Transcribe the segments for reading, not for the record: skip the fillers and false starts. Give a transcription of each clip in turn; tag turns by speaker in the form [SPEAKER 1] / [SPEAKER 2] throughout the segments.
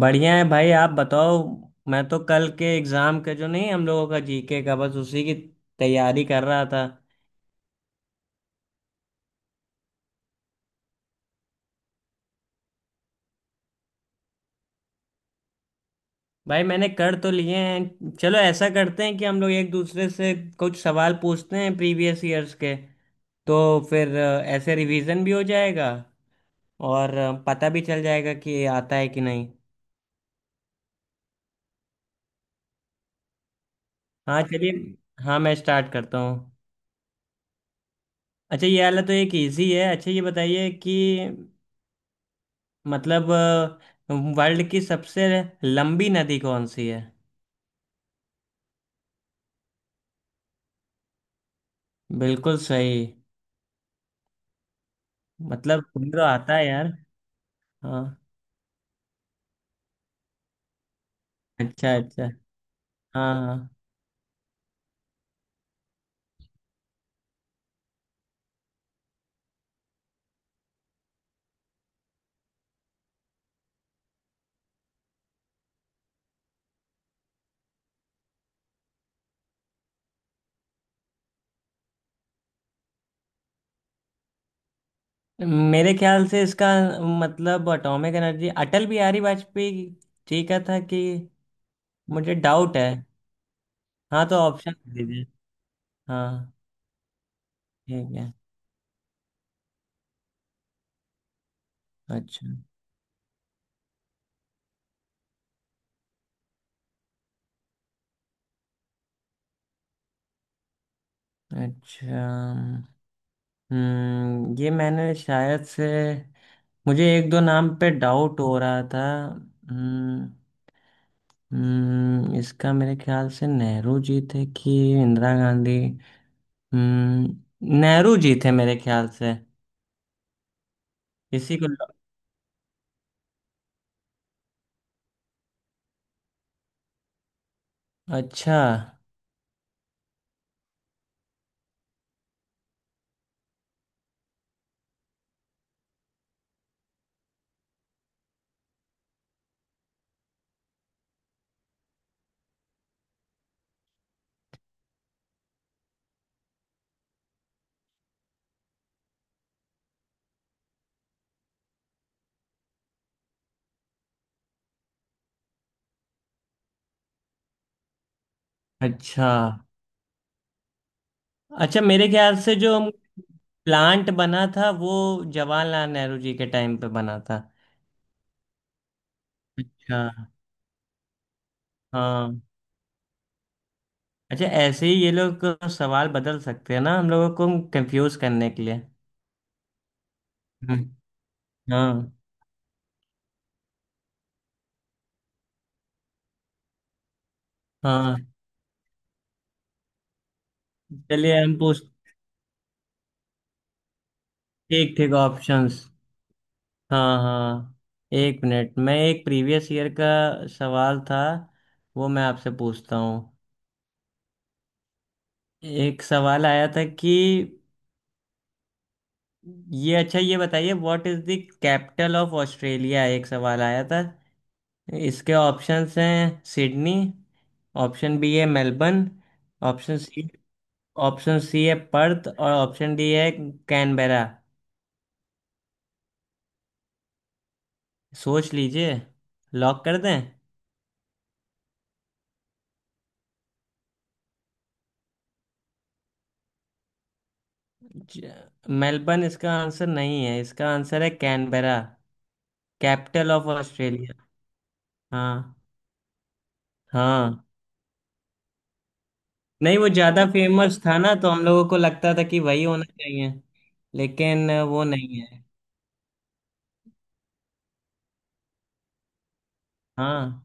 [SPEAKER 1] बढ़िया है भाई। आप बताओ। मैं तो कल के एग्जाम का जो नहीं, हम लोगों का जीके का, बस उसी की तैयारी कर रहा था। भाई मैंने कर तो लिए हैं। चलो ऐसा करते हैं कि हम लोग एक दूसरे से कुछ सवाल पूछते हैं, प्रीवियस ईयर्स के। तो फिर ऐसे रिवीजन भी हो जाएगा और पता भी चल जाएगा कि आता है कि नहीं। हाँ चलिए। हाँ, मैं स्टार्ट करता हूँ। अच्छा, ये वाला तो एक इजी है। अच्छा ये बताइए कि मतलब वर्ल्ड की सबसे लंबी नदी कौन सी है? बिल्कुल सही। मतलब कुंदरो आता है यार। हाँ। अच्छा अच्छा। हाँ हाँ। मेरे ख्याल से इसका मतलब एटॉमिक एनर्जी अटल बिहारी वाजपेयी ठीक है, था कि? मुझे डाउट है। हाँ, तो ऑप्शन दीजिए। हाँ। ठीक है। अच्छा अच्छा। ये मैंने शायद से मुझे एक दो नाम पे डाउट हो रहा था। हम्म। इसका मेरे ख्याल से नेहरू जी थे कि इंदिरा गांधी। हम्म। नेहरू जी थे मेरे ख्याल से। इसी को। अच्छा अच्छा। अच्छा, मेरे ख्याल से जो प्लांट बना था वो जवाहरलाल नेहरू जी के टाइम पे बना था। अच्छा। हाँ। अच्छा ऐसे ही ये लोग सवाल बदल सकते हैं ना, हम लोगों को कंफ्यूज करने के लिए। हम्म, हाँ। हाँ। चलिए हम पूछ। ठीक ठीक ऑप्शंस। हाँ हाँ। एक मिनट, मैं एक प्रीवियस ईयर का सवाल था, वो मैं आपसे पूछता हूँ। एक सवाल आया था कि, ये अच्छा ये बताइए what is the capital of Australia, एक सवाल आया था। इसके ऑप्शंस हैं सिडनी, ऑप्शन बी है Melbourne, option C option C है पर्थ और ऑप्शन डी है कैनबेरा। सोच लीजिए, लॉक कर दें। ज- मेलबर्न इसका आंसर नहीं है। इसका आंसर है कैनबेरा, कैपिटल ऑफ ऑस्ट्रेलिया। हाँ। हाँ, नहीं वो ज्यादा फेमस था ना तो हम लोगों को लगता था कि वही होना चाहिए। लेकिन वो नहीं है। हाँ।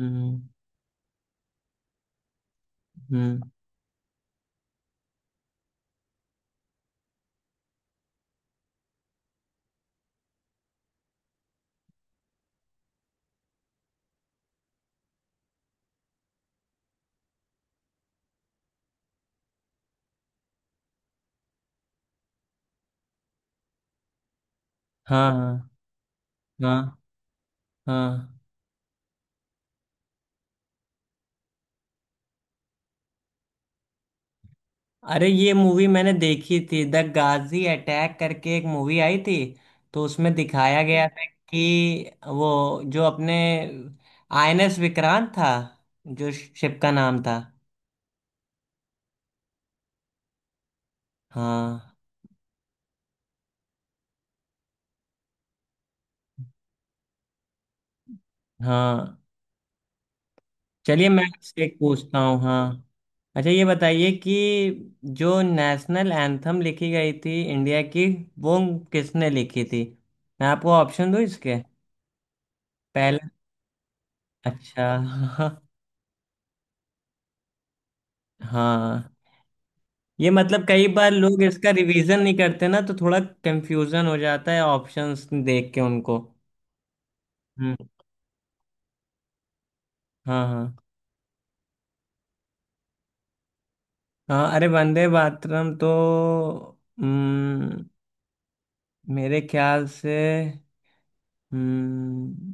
[SPEAKER 1] हम्म। हम्म। हाँ हाँ। हाँ हाँ। अरे ये मूवी मैंने देखी थी, द गाजी अटैक करके एक मूवी आई थी। तो उसमें दिखाया गया था कि वो जो अपने आईएनएस विक्रांत था, जो शिप का नाम था। हाँ। हाँ। चलिए मैं आपसे एक पूछता हूँ। हाँ, अच्छा ये बताइए कि जो नेशनल एंथम लिखी गई थी इंडिया की, वो किसने लिखी थी? मैं आपको ऑप्शन दूँ इसके? पहला। अच्छा। हाँ, ये मतलब कई बार लोग इसका रिवीजन नहीं करते ना तो थोड़ा कंफ्यूजन हो जाता है ऑप्शंस देख के उनको। हम्म। हाँ हाँ हाँ। अरे वंदे मातरम तो, हम्म, मेरे ख्याल से। हम्म।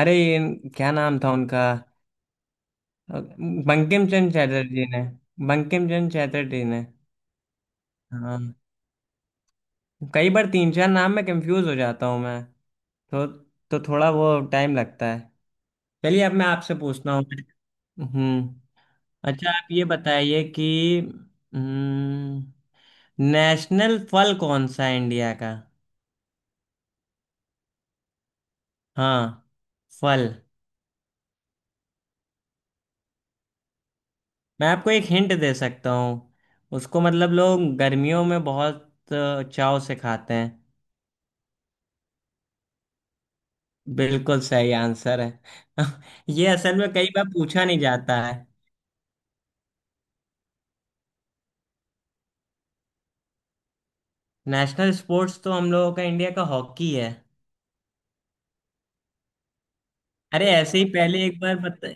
[SPEAKER 1] अरे, ये क्या नाम था उनका? बंकिम चंद्र चटर्जी ने। बंकिम चंद्र चटर्जी ने। हाँ, कई बार तीन चार नाम में कंफ्यूज हो जाता हूँ मैं। तो तो थोड़ा वो टाइम लगता है। चलिए अब मैं आपसे पूछता हूँ। हम्म। अच्छा आप ये बताइए कि, हम्म नेशनल फल कौन सा है इंडिया का? हाँ फल। मैं आपको एक हिंट दे सकता हूँ उसको, मतलब लोग गर्मियों में बहुत चाव से खाते हैं। बिल्कुल सही आंसर है। ये असल में कई बार पूछा नहीं जाता है। नेशनल स्पोर्ट्स तो हम लोगों का, इंडिया का, हॉकी है। अरे ऐसे ही पहले एक बार बता।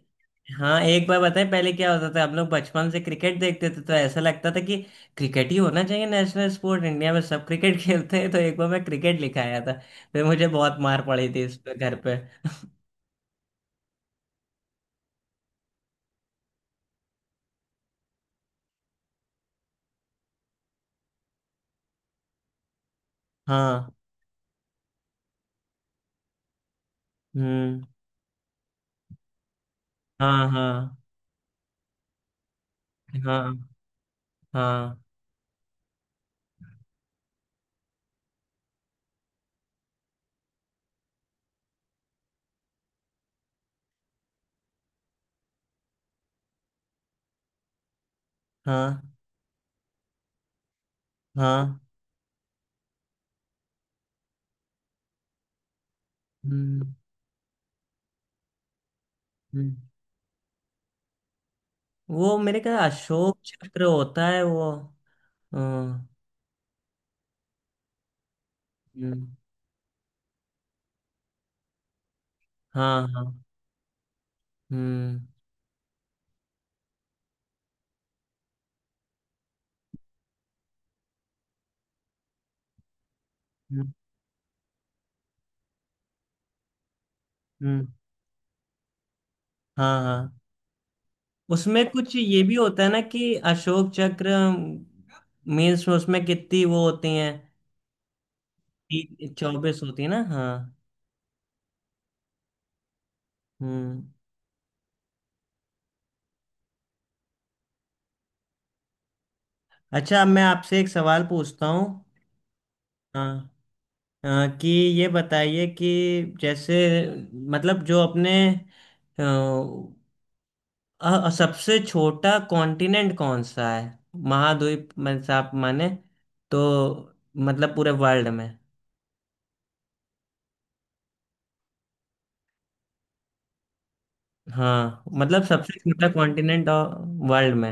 [SPEAKER 1] हाँ, एक बार बताएं पहले क्या होता था, हम लोग बचपन से क्रिकेट देखते थे तो ऐसा लगता था कि क्रिकेट ही होना चाहिए नेशनल स्पोर्ट इंडिया में। सब क्रिकेट खेलते हैं तो एक बार मैं क्रिकेट लिखाया था, फिर मुझे बहुत मार पड़ी थी इस पे घर पे। हाँ। हम्म। हाँ हाँ हाँ हाँ। हाँ हाँ। हम्म। हम्म। वो मेरे ख्याल अशोक चक्र होता है वो। हाँ। हम्म। हाँ हाँ। हम्म। हम्म। हम्म। हाँ हाँ। उसमें कुछ ये भी होता है ना कि अशोक चक्र, मीन्स उसमें कितनी वो होती हैं? 24 होती है ना, हाँ। हम्म। अच्छा अब मैं आपसे एक सवाल पूछता हूँ। हाँ हाँ, कि ये बताइए कि जैसे, मतलब जो अपने सबसे छोटा कॉन्टिनेंट कौन सा है महाद्वीप में से आप माने, तो मतलब पूरे वर्ल्ड में। हाँ मतलब सबसे छोटा कॉन्टिनेंट वर्ल्ड में।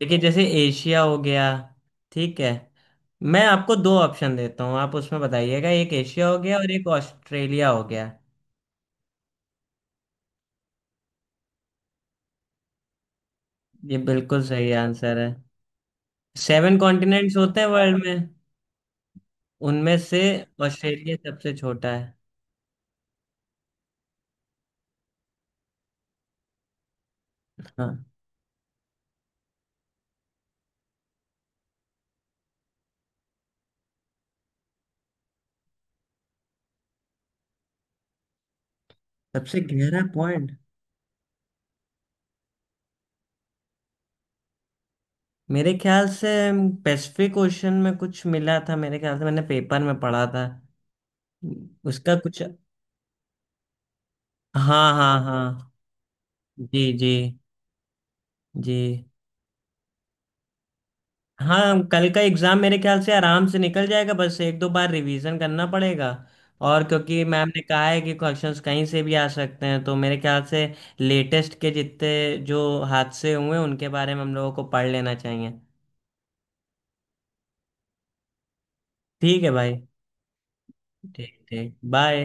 [SPEAKER 1] देखिए जैसे एशिया हो गया, ठीक है, मैं आपको दो ऑप्शन देता हूँ आप उसमें बताइएगा, एक एशिया हो गया और एक ऑस्ट्रेलिया हो गया। ये बिल्कुल सही आंसर है। 7 कॉन्टिनेंट्स होते हैं वर्ल्ड में, उनमें से ऑस्ट्रेलिया सबसे छोटा है। हाँ। सबसे गहरा पॉइंट? मेरे ख्याल से पैसिफिक ओशन में कुछ मिला था, मेरे ख्याल से मैंने पेपर में पढ़ा था उसका कुछ। हाँ हाँ हाँ। जी जी जी। हाँ, कल का एग्ज़ाम मेरे ख्याल से आराम से निकल जाएगा, बस एक दो बार रिवीजन करना पड़ेगा। और क्योंकि मैम ने कहा है कि क्वेश्चंस कहीं से भी आ सकते हैं तो मेरे ख्याल से लेटेस्ट के जितने जो हादसे हुए उनके बारे में हम लोगों को पढ़ लेना चाहिए। ठीक है भाई। ठीक ठीक, बाय।